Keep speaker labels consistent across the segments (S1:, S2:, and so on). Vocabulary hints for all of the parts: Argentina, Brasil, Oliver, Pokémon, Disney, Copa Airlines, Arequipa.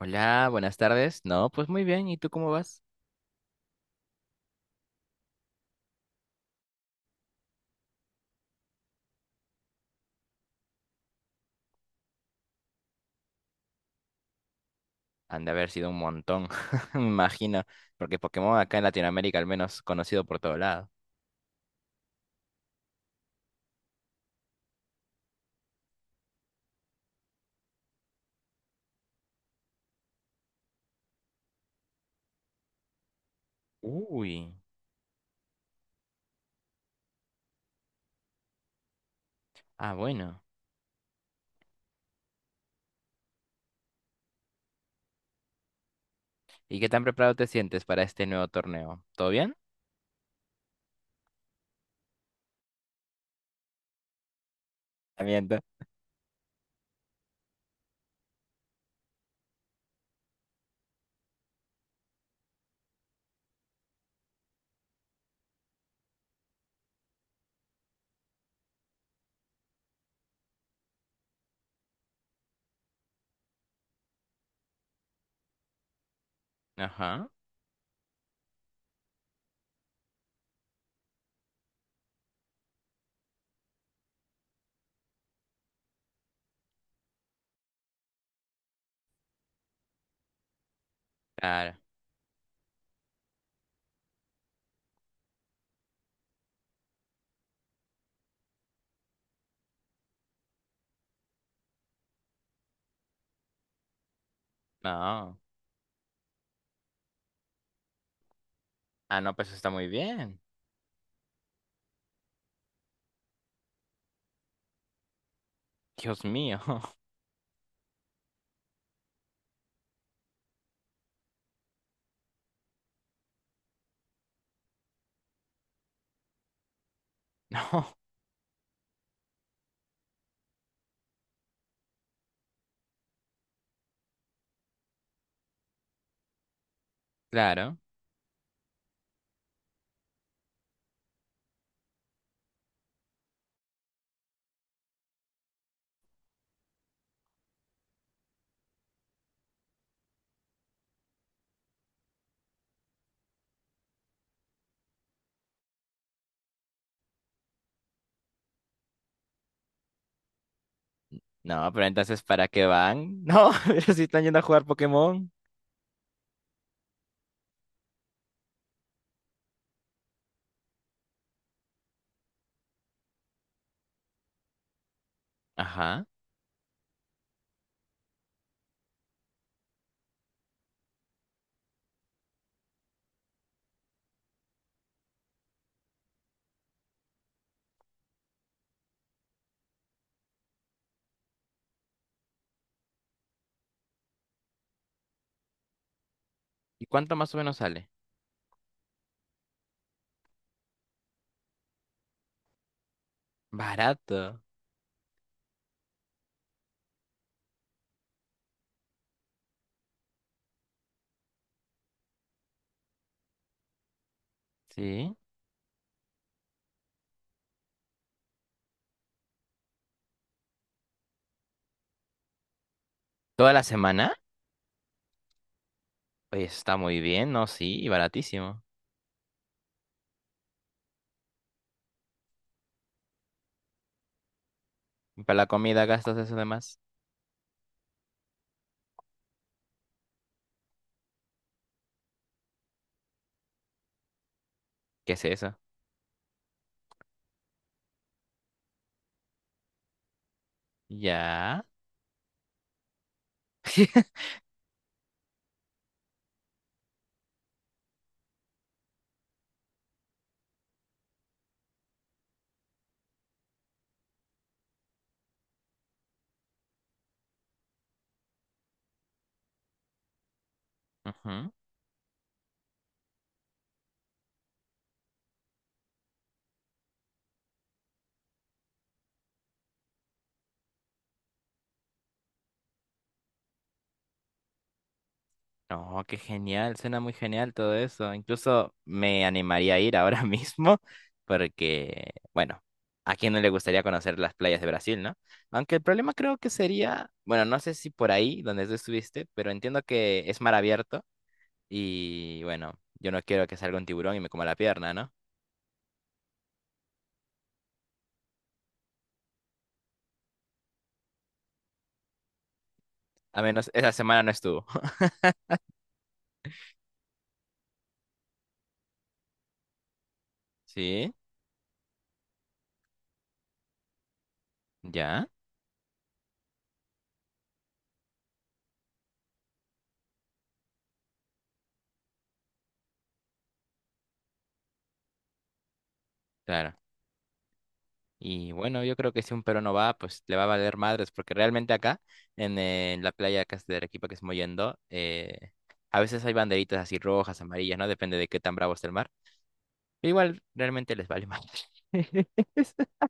S1: Hola, buenas tardes. No, pues muy bien. ¿Y tú cómo vas? Han de haber sido un montón, me imagino, porque Pokémon acá en Latinoamérica al menos conocido por todo lado. Uy, ah, bueno. ¿Y qué tan preparado te sientes para este nuevo torneo? ¿Todo bien? Miento. Ajá, claro. No. Ah, no, pues está muy bien. Dios mío. No, claro. No, pero entonces, ¿para qué van? No, pero si están yendo a jugar Pokémon. Ajá. ¿Y cuánto más o menos sale? Barato. ¿Sí? ¿Toda la semana? Oye, está muy bien, ¿no? Sí, y baratísimo. Y para la comida gastas eso de más. ¿Qué es eso? Ya. Ujú. No, qué genial, suena muy genial todo eso. Incluso me animaría a ir ahora mismo porque, bueno, a quién no le gustaría conocer las playas de Brasil, ¿no? Aunque el problema creo que sería, bueno, no sé si por ahí donde tú estuviste, pero entiendo que es mar abierto y, bueno, yo no quiero que salga un tiburón y me coma la pierna, ¿no? A menos esa semana no estuvo. ¿Sí? ¿Ya? Claro. Y bueno, yo creo que si un peruano va, pues le va a valer madres, porque realmente acá, en la playa acá de Arequipa que estamos yendo, a veces hay banderitas así rojas, amarillas, ¿no? Depende de qué tan bravo esté el mar. Pero igual, realmente les vale madres.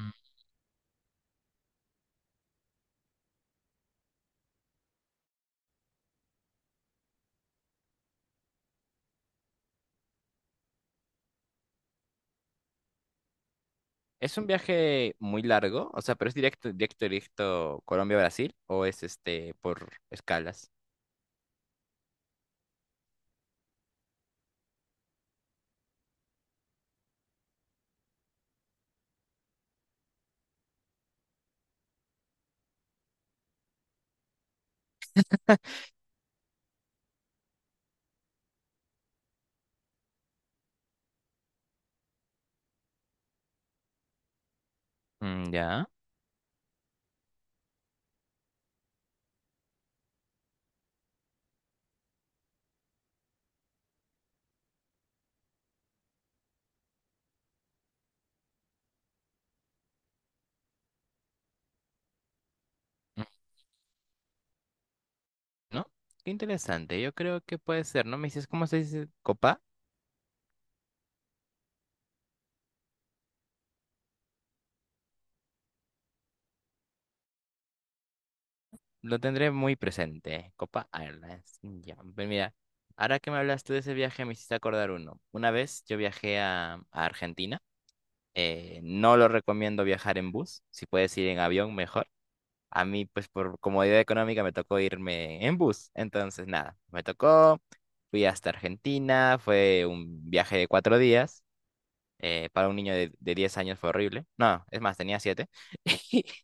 S1: Mm. ¿Es un viaje muy largo? O sea, ¿pero es directo, directo, directo Colombia-Brasil? ¿O es este por escalas? Mm, ya. Mm, ¿no? Qué interesante. Yo creo que puede ser, ¿no? Me dices, ¿cómo se dice? ¿Copa? Lo tendré muy presente. Copa Airlines. Ya, pues mira, ahora que me hablas tú de ese viaje, me hiciste acordar uno. Una vez yo viajé a Argentina. No lo recomiendo viajar en bus. Si puedes ir en avión, mejor. A mí, pues por comodidad económica, me tocó irme en bus. Entonces, nada, me tocó. Fui hasta Argentina. Fue un viaje de cuatro días. Para un niño de 10 años fue horrible. No, es más, tenía siete.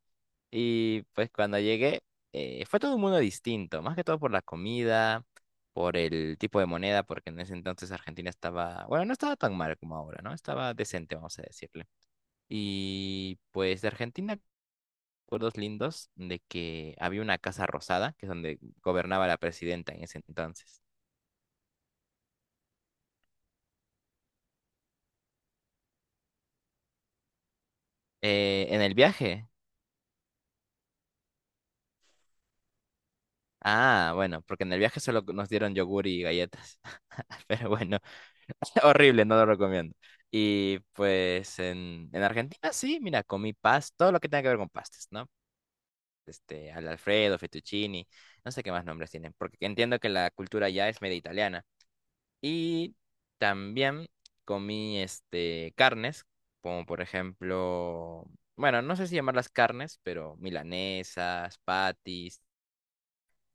S1: Y pues cuando llegué, fue todo un mundo distinto, más que todo por la comida, por el tipo de moneda, porque en ese entonces Argentina estaba, bueno, no estaba tan mal como ahora, ¿no? Estaba decente, vamos a decirle. Y pues de Argentina, recuerdos lindos de que había una casa rosada, que es donde gobernaba la presidenta en ese entonces. En el viaje. Ah, bueno, porque en el viaje solo nos dieron yogur y galletas. Pero bueno, horrible, no lo recomiendo. Y pues en Argentina sí, mira, comí paz, todo lo que tenga que ver con pastas, ¿no? Este, al Alfredo, fettuccini, no sé qué más nombres tienen, porque entiendo que la cultura ya es media italiana. Y también comí este carnes, como por ejemplo, bueno, no sé si llamarlas carnes, pero milanesas, patis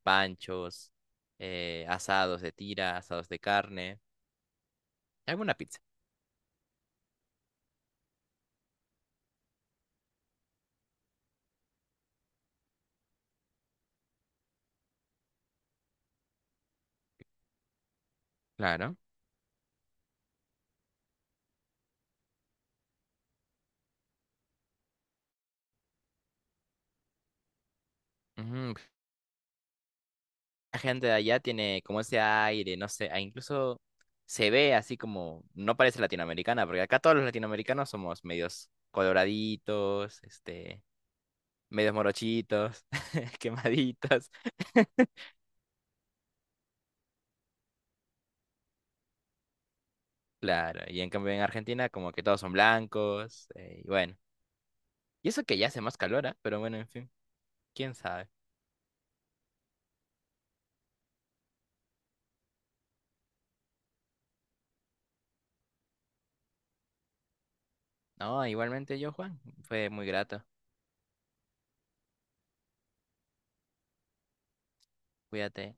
S1: panchos, asados de tira, asados de carne, alguna pizza. Claro. Ujú, la gente de allá tiene como ese aire, no sé, e incluso se ve así como, no parece latinoamericana, porque acá todos los latinoamericanos somos medios coloraditos, este, medios morochitos, quemaditos. Claro, y en cambio en Argentina como que todos son blancos, y bueno. Y eso que ya hace más calor, ah, pero bueno, en fin, quién sabe. No, igualmente yo, Juan, fue muy grato. Cuídate.